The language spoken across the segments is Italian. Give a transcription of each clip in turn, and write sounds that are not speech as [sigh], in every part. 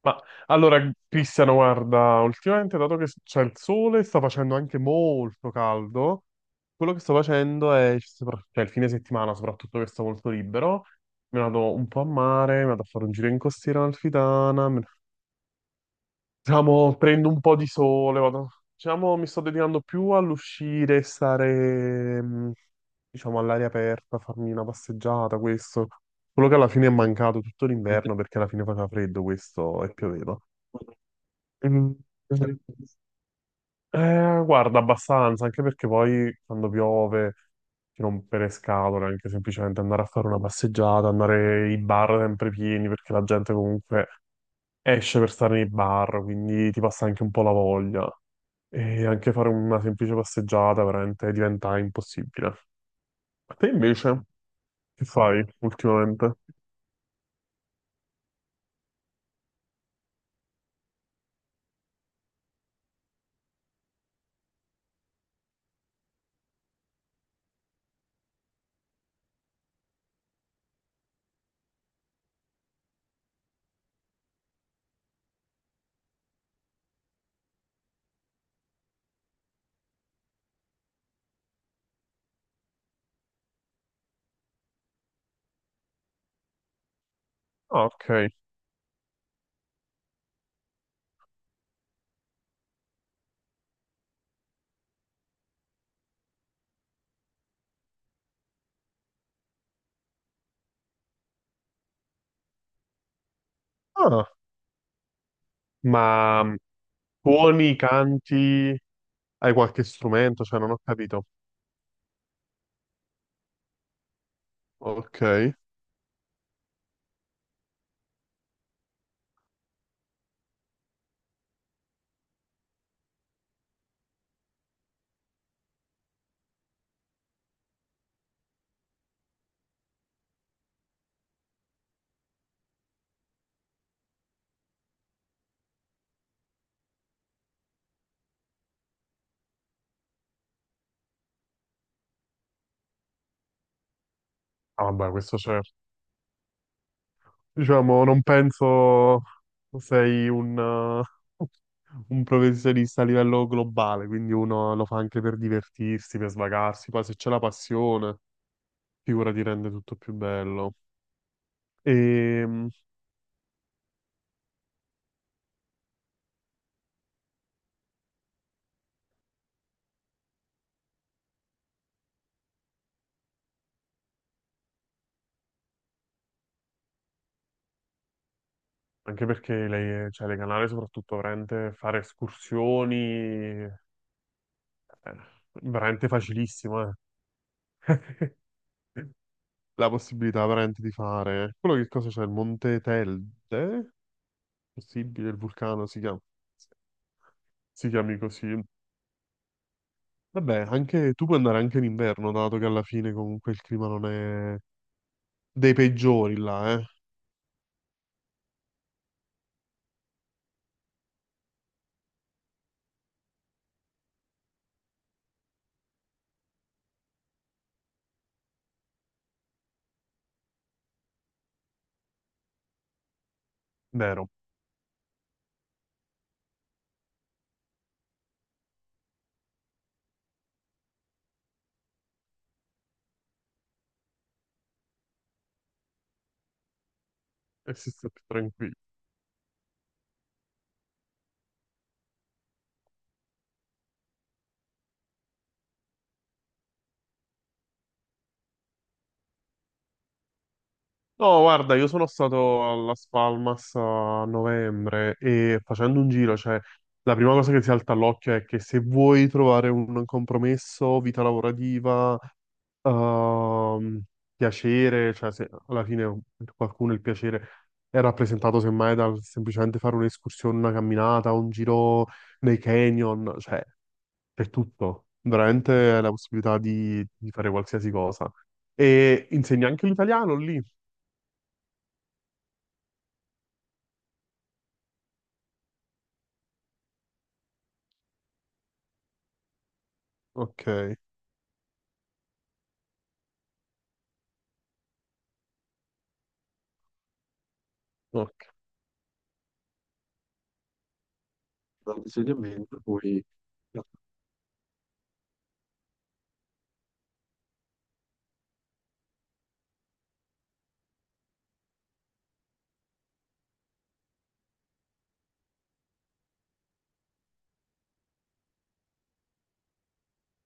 Ma allora, Cristiano, guarda, ultimamente dato che c'è il sole, sta facendo anche molto caldo, quello che sto facendo è, cioè il fine settimana soprattutto che sto molto libero, mi vado un po' a mare, mi vado a fare un giro in costiera amalfitana, diciamo, prendo un po' di sole, vado, diciamo, mi sto dedicando più all'uscire, stare, diciamo, all'aria aperta, farmi una passeggiata, questo. Quello che alla fine è mancato tutto l'inverno perché alla fine faceva freddo questo e pioveva. Mm, guarda, abbastanza, anche perché poi quando piove ti rompere le scatole, anche semplicemente andare a fare una passeggiata, andare i bar sempre pieni, perché la gente comunque esce per stare nei bar, quindi ti passa anche un po' la voglia. E anche fare una semplice passeggiata veramente diventa impossibile. Ma te invece, che fai ultimamente? Ah, ok. Ah, ma suoni, canti, hai qualche strumento? Cioè, non ho capito. Ok. Ah, vabbè, questo c'è. Diciamo, non penso sei un, eh, [laughs] un professionista a livello globale, quindi uno lo fa anche per divertirsi, per svagarsi. Poi se c'è la passione, figura ti rende tutto più bello. E anche perché cioè, le canali, soprattutto, veramente fare escursioni, eh, veramente facilissimo, eh. [laughs] La possibilità veramente di fare. Quello che cosa c'è? Il Monte Telde? Possibile, il vulcano si chiama. Si chiami così. Vabbè, anche tu puoi andare anche in inverno, dato che alla fine comunque il clima non è dei peggiori là, eh? Vero. E si sta più tranquilli. No, guarda, io sono stato alla Spalmas a novembre e facendo un giro, cioè, la prima cosa che ti salta all'occhio è che se vuoi trovare un compromesso, vita lavorativa, ehm, piacere, cioè se alla fine per qualcuno il piacere è rappresentato semmai dal semplicemente fare un'escursione, una camminata, un giro nei canyon, cioè c'è tutto, veramente la possibilità di fare qualsiasi cosa. E insegni anche l'italiano lì? Ok, ok. Dall'insegnamento, poi.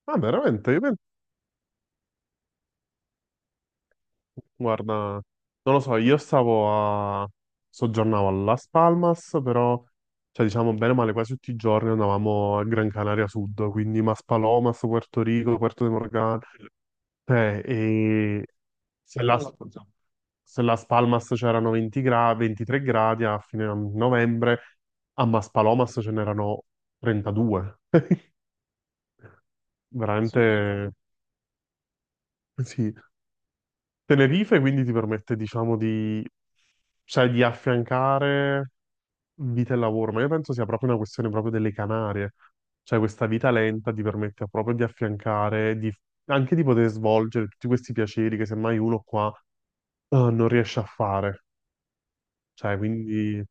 Ah, veramente? Io. Guarda, non lo so, io stavo a... soggiornavo a Las Palmas, però, cioè diciamo bene o male, quasi tutti i giorni andavamo a Gran Canaria Sud, quindi Maspalomas, Puerto Rico, Puerto de Morgan, cioè, e se Las, se Las Palmas c'erano 20 23 gradi a fine novembre, a Maspalomas ce n'erano 32. [laughs] Veramente, sì. Tenerife quindi ti permette, diciamo, cioè, di affiancare vita e lavoro, ma io penso sia proprio una questione proprio delle Canarie, cioè questa vita lenta ti permette proprio di affiancare, di- anche di poter svolgere tutti questi piaceri che semmai uno qua non riesce a fare, cioè quindi...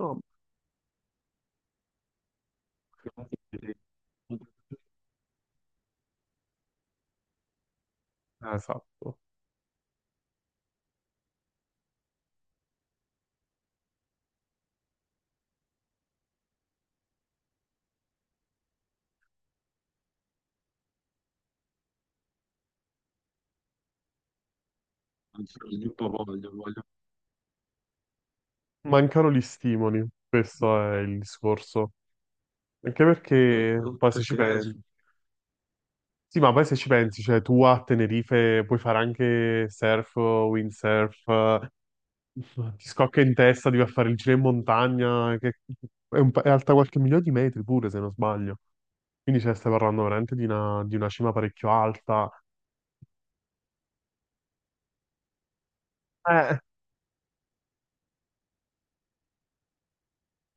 No, eh, esatto, mancano gli stimoli, questo è il discorso. Anche perché poi se ci pensi, sì, ma poi se ci pensi, cioè tu a Tenerife puoi fare anche surf, windsurf, ti scocca in testa, devi fare il giro in montagna, che è, un è alta qualche migliaio di metri pure, se non sbaglio. Quindi cioè, stai parlando veramente di una cima parecchio alta. Eh,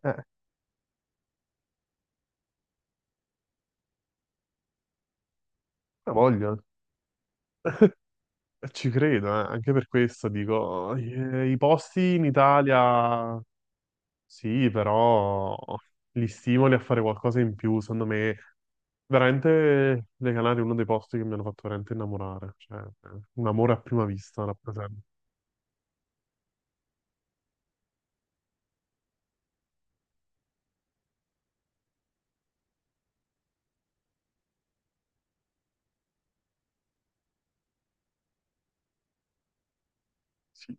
eh, la voglio. [laughs] Ci credo, anche per questo dico, i posti in Italia sì, però li stimoli a fare qualcosa in più. Secondo me, veramente le Canarie è uno dei posti che mi hanno fatto veramente innamorare. Cioè, un amore a prima vista rappresenta. Sì.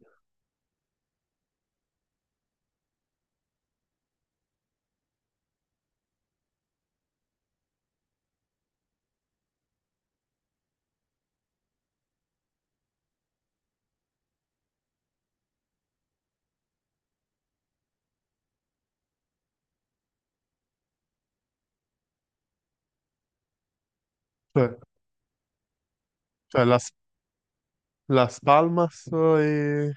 Cioè, cioè, la Las Palmas e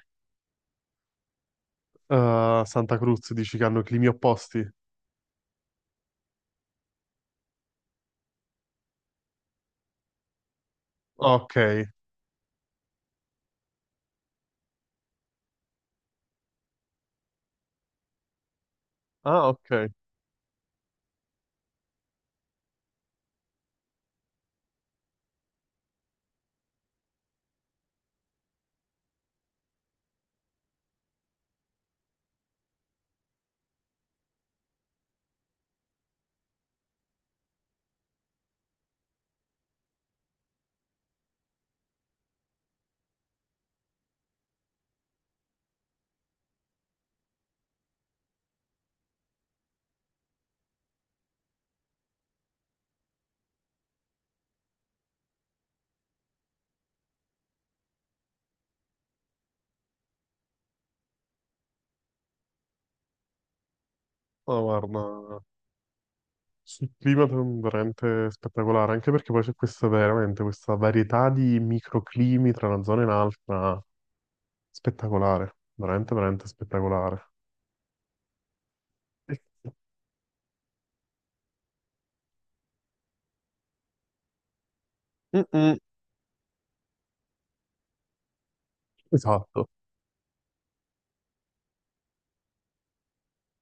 Santa Cruz dici che hanno climi opposti? Ok. Ah, ok. No, guarda, sul clima è veramente spettacolare, anche perché poi c'è questa veramente questa varietà di microclimi tra una zona e un'altra, spettacolare, veramente veramente spettacolare. Mm-mm. Esatto.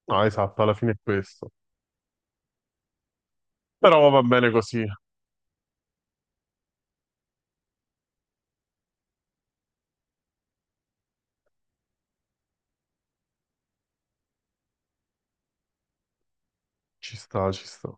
No, esatto, alla fine è questo. Però va bene così, ci sta, ci sta.